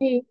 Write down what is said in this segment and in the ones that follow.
Hey.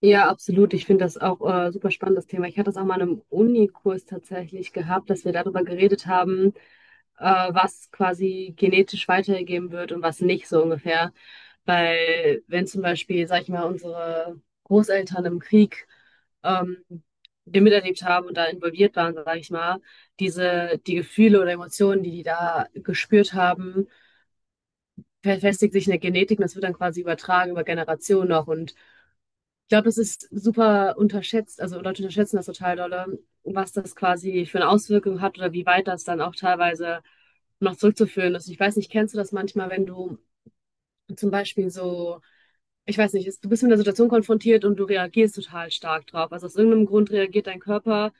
Ja, absolut. Ich finde das auch super spannendes Thema. Ich hatte das auch mal in einem Unikurs tatsächlich gehabt, dass wir darüber geredet haben, äh, was quasi genetisch weitergegeben wird und was nicht, so ungefähr. Weil wenn zum Beispiel, sag ich mal, unsere Großeltern im Krieg ähm, den miterlebt haben und da involviert waren, sage ich mal, die Gefühle oder Emotionen, die die da gespürt haben, verfestigt sich in der Genetik und das wird dann quasi übertragen über Generationen noch. Und ich glaube, das ist super unterschätzt, also Leute unterschätzen das total dolle, was das quasi für eine Auswirkung hat oder wie weit das dann auch teilweise noch zurückzuführen ist. Ich weiß nicht, kennst du das manchmal, wenn du zum Beispiel so, ich weiß nicht, du bist mit einer Situation konfrontiert und du reagierst total stark drauf. Also aus irgendeinem Grund reagiert dein Körper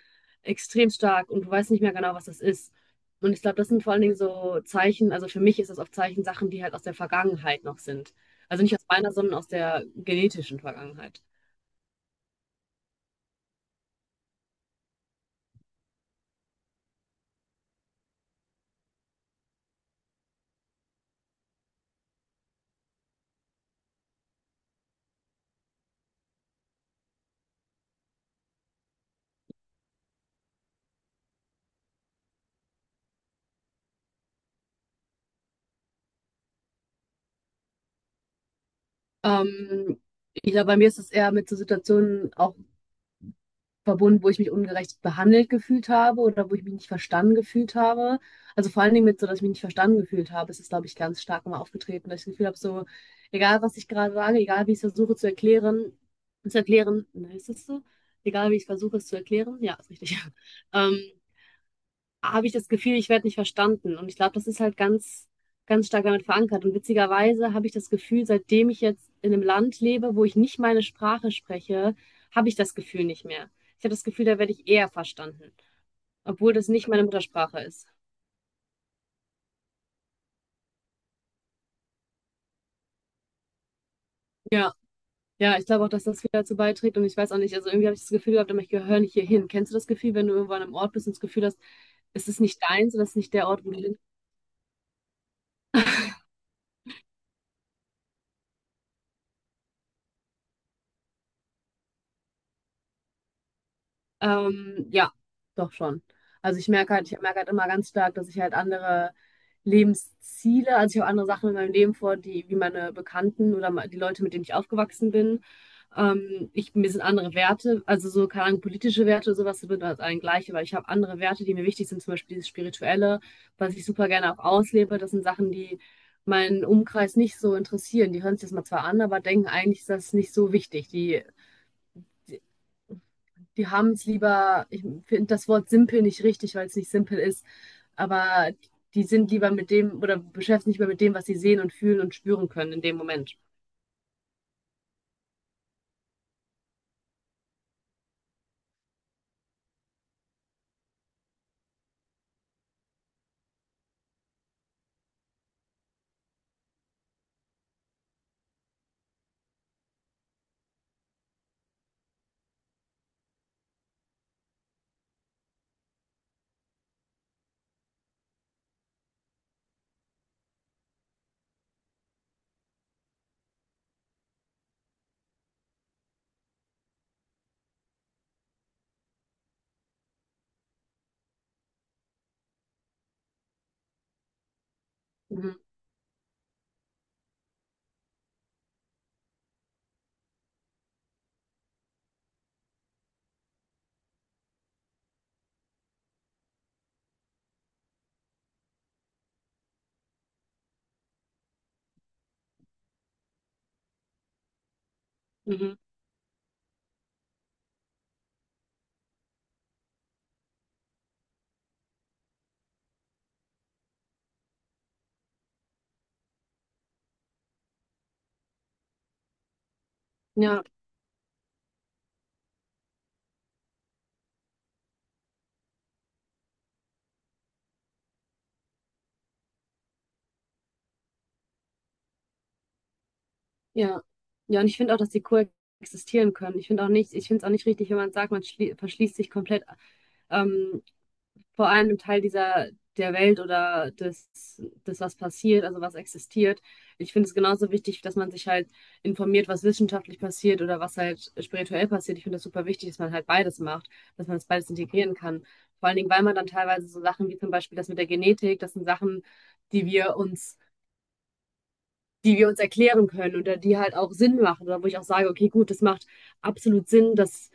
extrem stark und du weißt nicht mehr genau, was das ist. Und ich glaube, das sind vor allen Dingen so Zeichen, also für mich ist das oft Zeichen, Sachen, die halt aus der Vergangenheit noch sind. Also nicht aus meiner, sondern aus der genetischen Vergangenheit. Ähm, ich glaube, bei mir ist es eher mit so Situationen auch verbunden, wo ich mich ungerecht behandelt gefühlt habe oder wo ich mich nicht verstanden gefühlt habe. Also vor allen Dingen mit so, dass ich mich nicht verstanden gefühlt habe, ist es, glaube ich, ganz stark mal aufgetreten, dass ich das Gefühl habe, so, egal was ich gerade sage, egal wie ich es versuche zu erklären, ne, ist das so? Egal wie ich versuche es zu erklären, ja, ist richtig. Ähm, habe ich das Gefühl, ich werde nicht verstanden. Und ich glaube, das ist halt ganz, ganz stark damit verankert. Und witzigerweise habe ich das Gefühl, seitdem ich jetzt in einem Land lebe, wo ich nicht meine Sprache spreche, habe ich das Gefühl nicht mehr. Ich habe das Gefühl, da werde ich eher verstanden, obwohl das nicht meine Muttersprache ist. Ja, ja, ich glaube auch, dass das viel dazu beiträgt. Und ich weiß auch nicht, also irgendwie habe ich das Gefühl gehabt, ich gehöre nicht hier hin. Kennst du das Gefühl, wenn du irgendwo an einem Ort bist und das Gefühl hast, es ist nicht deins oder es ist nicht der Ort, wo du hin. Ja, doch schon. Also ich merke halt immer ganz stark, dass ich halt andere Lebensziele, also ich habe andere Sachen in meinem Leben vor, die wie meine Bekannten oder die Leute, mit denen ich aufgewachsen bin. Mir sind andere Werte, also so, keine Ahnung, politische Werte oder sowas sind halt allen gleich, aber ich habe andere Werte, die mir wichtig sind, zum Beispiel dieses Spirituelle, was ich super gerne auch auslebe. Das sind Sachen, die meinen Umkreis nicht so interessieren. Die hören sich das mal zwar an, aber denken eigentlich, ist das nicht so wichtig. Die haben es lieber, ich finde das Wort simpel nicht richtig, weil es nicht simpel ist, aber die sind lieber mit dem oder beschäftigen sich lieber mit dem, was sie sehen und fühlen und spüren können in dem Moment. Mhm. Mhm. Ja, ja. Ja, und ich finde auch, dass die coexistieren können. Ich finde auch nicht, ich finde es auch nicht richtig, wenn man sagt, man verschließt sich komplett, ähm, vor allem Teil dieser der Welt oder des, was passiert, also was existiert. Ich finde es genauso wichtig, dass man sich halt informiert, was wissenschaftlich passiert oder was halt spirituell passiert. Ich finde das super wichtig, dass man halt beides macht, dass man das beides integrieren kann. Vor allen Dingen, weil man dann teilweise so Sachen wie zum Beispiel das mit der Genetik, das sind Sachen, die wir uns, die wir uns erklären können oder die halt auch Sinn machen oder wo ich auch sage, okay, gut, das macht absolut Sinn, dass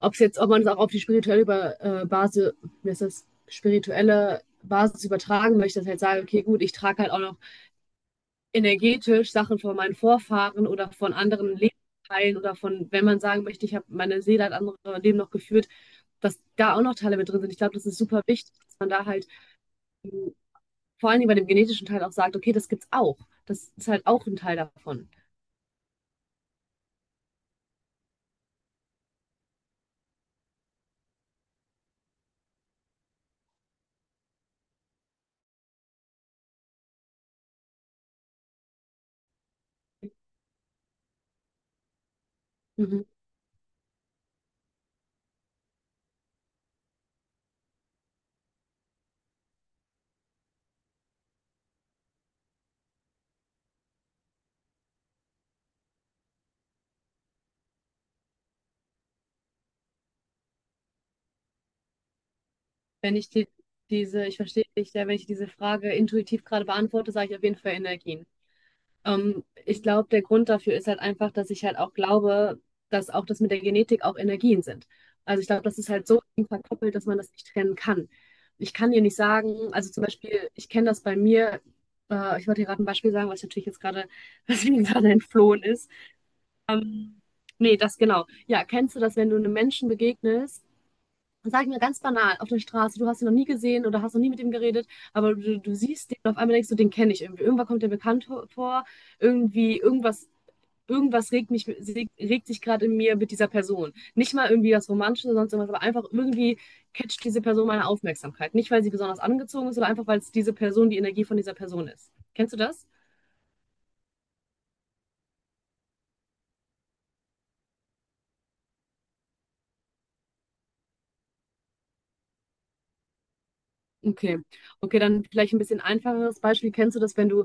ob es jetzt, ob man es auch auf die spirituelle Basis, wie ist das, spirituelle Basis übertragen möchte, dass ich halt sage, okay, gut, ich trage halt auch noch energetisch Sachen von meinen Vorfahren oder von anderen Lebensteilen oder von, wenn man sagen möchte, ich habe meine Seele hat andere Leben noch geführt, dass da auch noch Teile mit drin sind. Ich glaube, das ist super wichtig, dass man da halt vor allen Dingen bei dem genetischen Teil auch sagt, okay, das gibt's auch. Das ist halt auch ein Teil davon. Mhm. Wenn ich die, diese, Ich verstehe dich, ja, wenn ich diese Frage intuitiv gerade beantworte, sage ich auf jeden Fall Energien. Ich glaube, der Grund dafür ist halt einfach, dass ich halt auch glaube, dass auch das mit der Genetik auch Energien sind. Also ich glaube, das ist halt so eng verkoppelt, dass man das nicht trennen kann. Ich kann dir nicht sagen, also zum Beispiel, ich kenne das bei mir, ich wollte dir gerade ein Beispiel sagen, was ich natürlich jetzt gerade, was mir gerade entflohen ist. Ähm, nee, das genau. Ja, kennst du das, wenn du einem Menschen begegnest, und sag ich mir ganz banal, auf der Straße, du hast ihn noch nie gesehen oder hast noch nie mit ihm geredet, aber du siehst den und auf einmal denkst du, den kenne ich irgendwie. Irgendwann kommt der bekannt vor, irgendwie, irgendwas regt sich gerade in mir mit dieser Person. Nicht mal irgendwie was Romantisches oder sonst irgendwas, aber einfach irgendwie catcht diese Person meine Aufmerksamkeit. Nicht, weil sie besonders angezogen ist, sondern einfach, weil es diese Person, die Energie von dieser Person ist. Kennst du das? Okay. Okay, dann vielleicht ein bisschen einfacheres Beispiel. Kennst du das, wenn du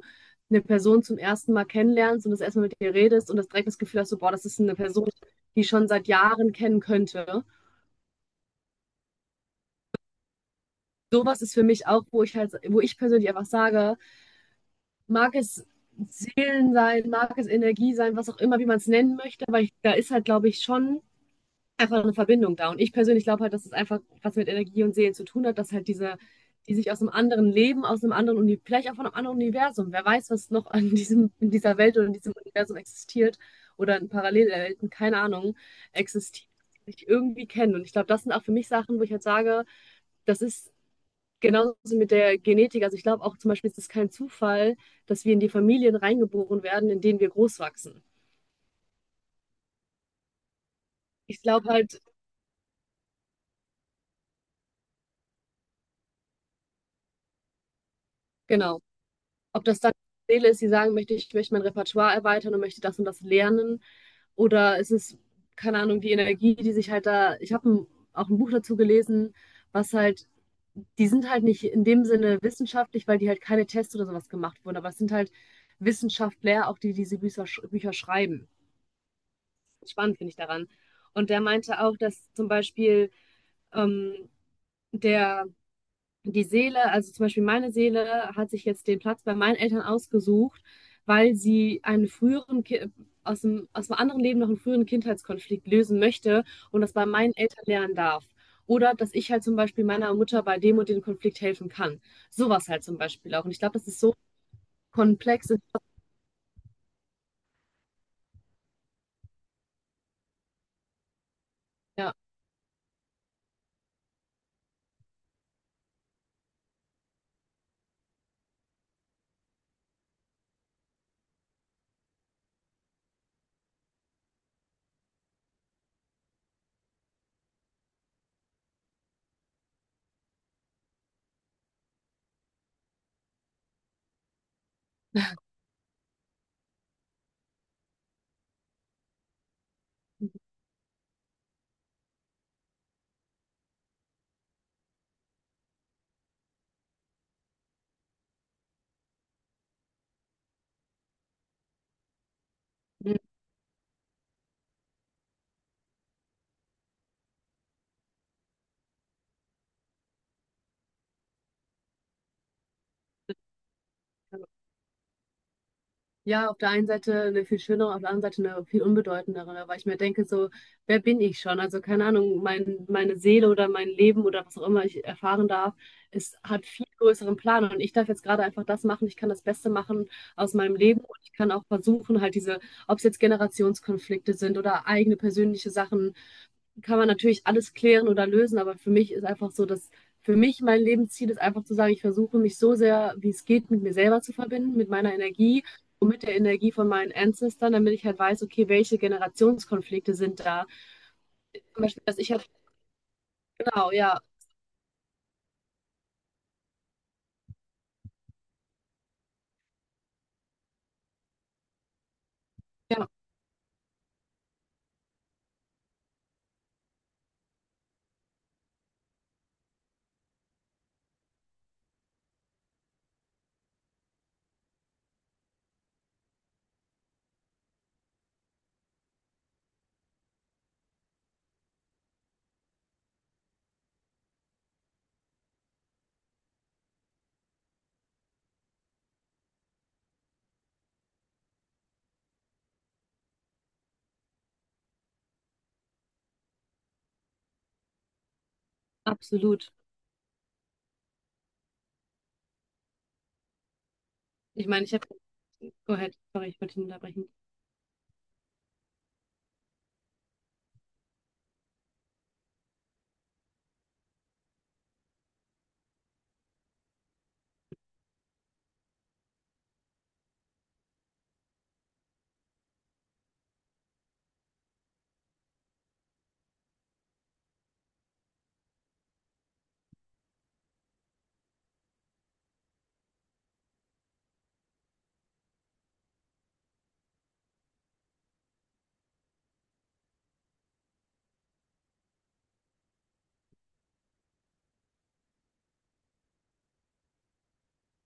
eine Person zum ersten Mal kennenlernst und das erstmal mit ihr redest und das direkt das Gefühl hast, so, boah, das ist eine Person, die ich schon seit Jahren kennen könnte. Sowas ist für mich auch, wo ich persönlich einfach sage, mag es Seelen sein, mag es Energie sein, was auch immer, wie man es nennen möchte, aber ich, da ist halt, glaube ich, schon einfach eine Verbindung da. Und ich persönlich glaube halt, dass es einfach was mit Energie und Seelen zu tun hat, dass halt diese, die sich aus einem anderen Leben, aus einem anderen Universum, vielleicht auch von einem anderen Universum, wer weiß, was noch an diesem, in dieser Welt oder in diesem Universum existiert oder in Parallelwelten, keine Ahnung, existiert, sich irgendwie kennen. Und ich glaube, das sind auch für mich Sachen, wo ich halt sage, das ist genauso mit der Genetik. Also ich glaube auch zum Beispiel, es ist kein Zufall, dass wir in die Familien reingeboren werden, in denen wir groß wachsen. Ich glaube halt, genau. Ob das dann die Seele ist, die sagen möchte, ich möchte mein Repertoire erweitern und möchte das und das lernen. Oder es ist, keine Ahnung, die Energie, die sich halt da. Ich habe auch ein Buch dazu gelesen, was halt, die sind halt nicht in dem Sinne wissenschaftlich, weil die halt keine Tests oder sowas gemacht wurden. Aber es sind halt Wissenschaftler, auch die die diese Bücher schreiben. Spannend finde ich daran. Und der meinte auch, dass zum Beispiel ähm, der die Seele, also zum Beispiel meine Seele, hat sich jetzt den Platz bei meinen Eltern ausgesucht, weil sie einen früheren Ki aus dem anderen Leben noch einen früheren Kindheitskonflikt lösen möchte und das bei meinen Eltern lernen darf. Oder dass ich halt zum Beispiel meiner Mutter bei dem und dem Konflikt helfen kann. Sowas halt zum Beispiel auch. Und ich glaube, das ist so komplex. Ja. Ja, auf der einen Seite eine viel schönere, auf der anderen Seite eine viel unbedeutendere, weil ich mir denke, so, wer bin ich schon? Also keine Ahnung, meine Seele oder mein Leben oder was auch immer ich erfahren darf, es hat viel größeren Plan und ich darf jetzt gerade einfach das machen, ich kann das Beste machen aus meinem Leben und ich kann auch versuchen, halt diese, ob es jetzt Generationskonflikte sind oder eigene persönliche Sachen, kann man natürlich alles klären oder lösen, aber für mich ist einfach so, dass für mich mein Lebensziel ist einfach zu sagen, ich versuche mich so sehr, wie es geht, mit mir selber zu verbinden, mit meiner Energie und mit der Energie von meinen Ancestern, damit ich halt weiß, okay, welche Generationskonflikte sind da. Zum Beispiel, dass ich habe, genau, ja, ja, absolut. Ich meine, ich habe, go ahead, sorry, ich wollte dich unterbrechen.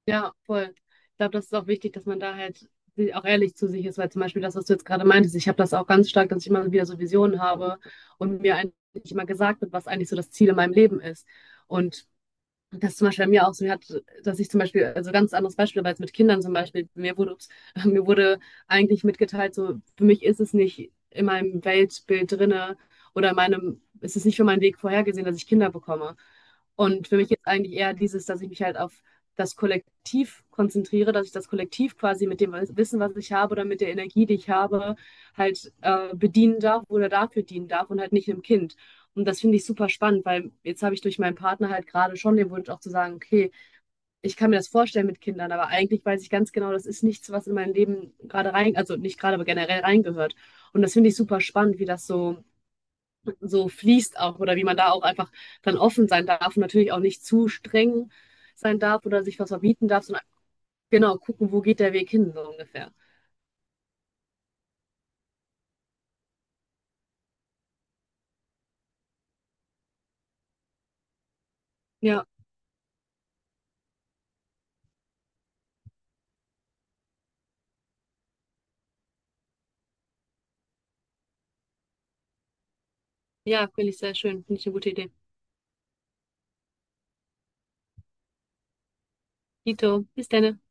Ja, voll. Ich glaube, das ist auch wichtig, dass man da halt auch ehrlich zu sich ist, weil zum Beispiel das, was du jetzt gerade meintest, ich habe das auch ganz stark, dass ich immer wieder so Visionen habe und mir eigentlich immer gesagt wird, was eigentlich so das Ziel in meinem Leben ist. Und das ist zum Beispiel bei mir auch so, dass ich zum Beispiel, also ganz anderes Beispiel, aber jetzt mit Kindern zum Beispiel, mir wurde, ups, mir wurde eigentlich mitgeteilt, so, für mich ist es nicht in meinem Weltbild drinne oder in meinem, ist es nicht für meinen Weg vorhergesehen, dass ich Kinder bekomme. Und für mich ist eigentlich eher dieses, dass ich mich halt auf das Kollektiv konzentriere, dass ich das Kollektiv quasi mit dem Wissen, was ich habe oder mit der Energie, die ich habe, halt bedienen darf oder dafür dienen darf und halt nicht einem Kind. Und das finde ich super spannend, weil jetzt habe ich durch meinen Partner halt gerade schon den Wunsch auch zu sagen, okay, ich kann mir das vorstellen mit Kindern, aber eigentlich weiß ich ganz genau, das ist nichts, was in mein Leben gerade rein, also nicht gerade, aber generell reingehört. Und das finde ich super spannend, wie das so fließt auch oder wie man da auch einfach dann offen sein darf und natürlich auch nicht zu streng sein darf oder sich was verbieten darf, sondern genau gucken, wo geht der Weg hin, so ungefähr. Ja, ja, finde ich sehr schön. Finde ich eine gute Idee. Dito, bis dann.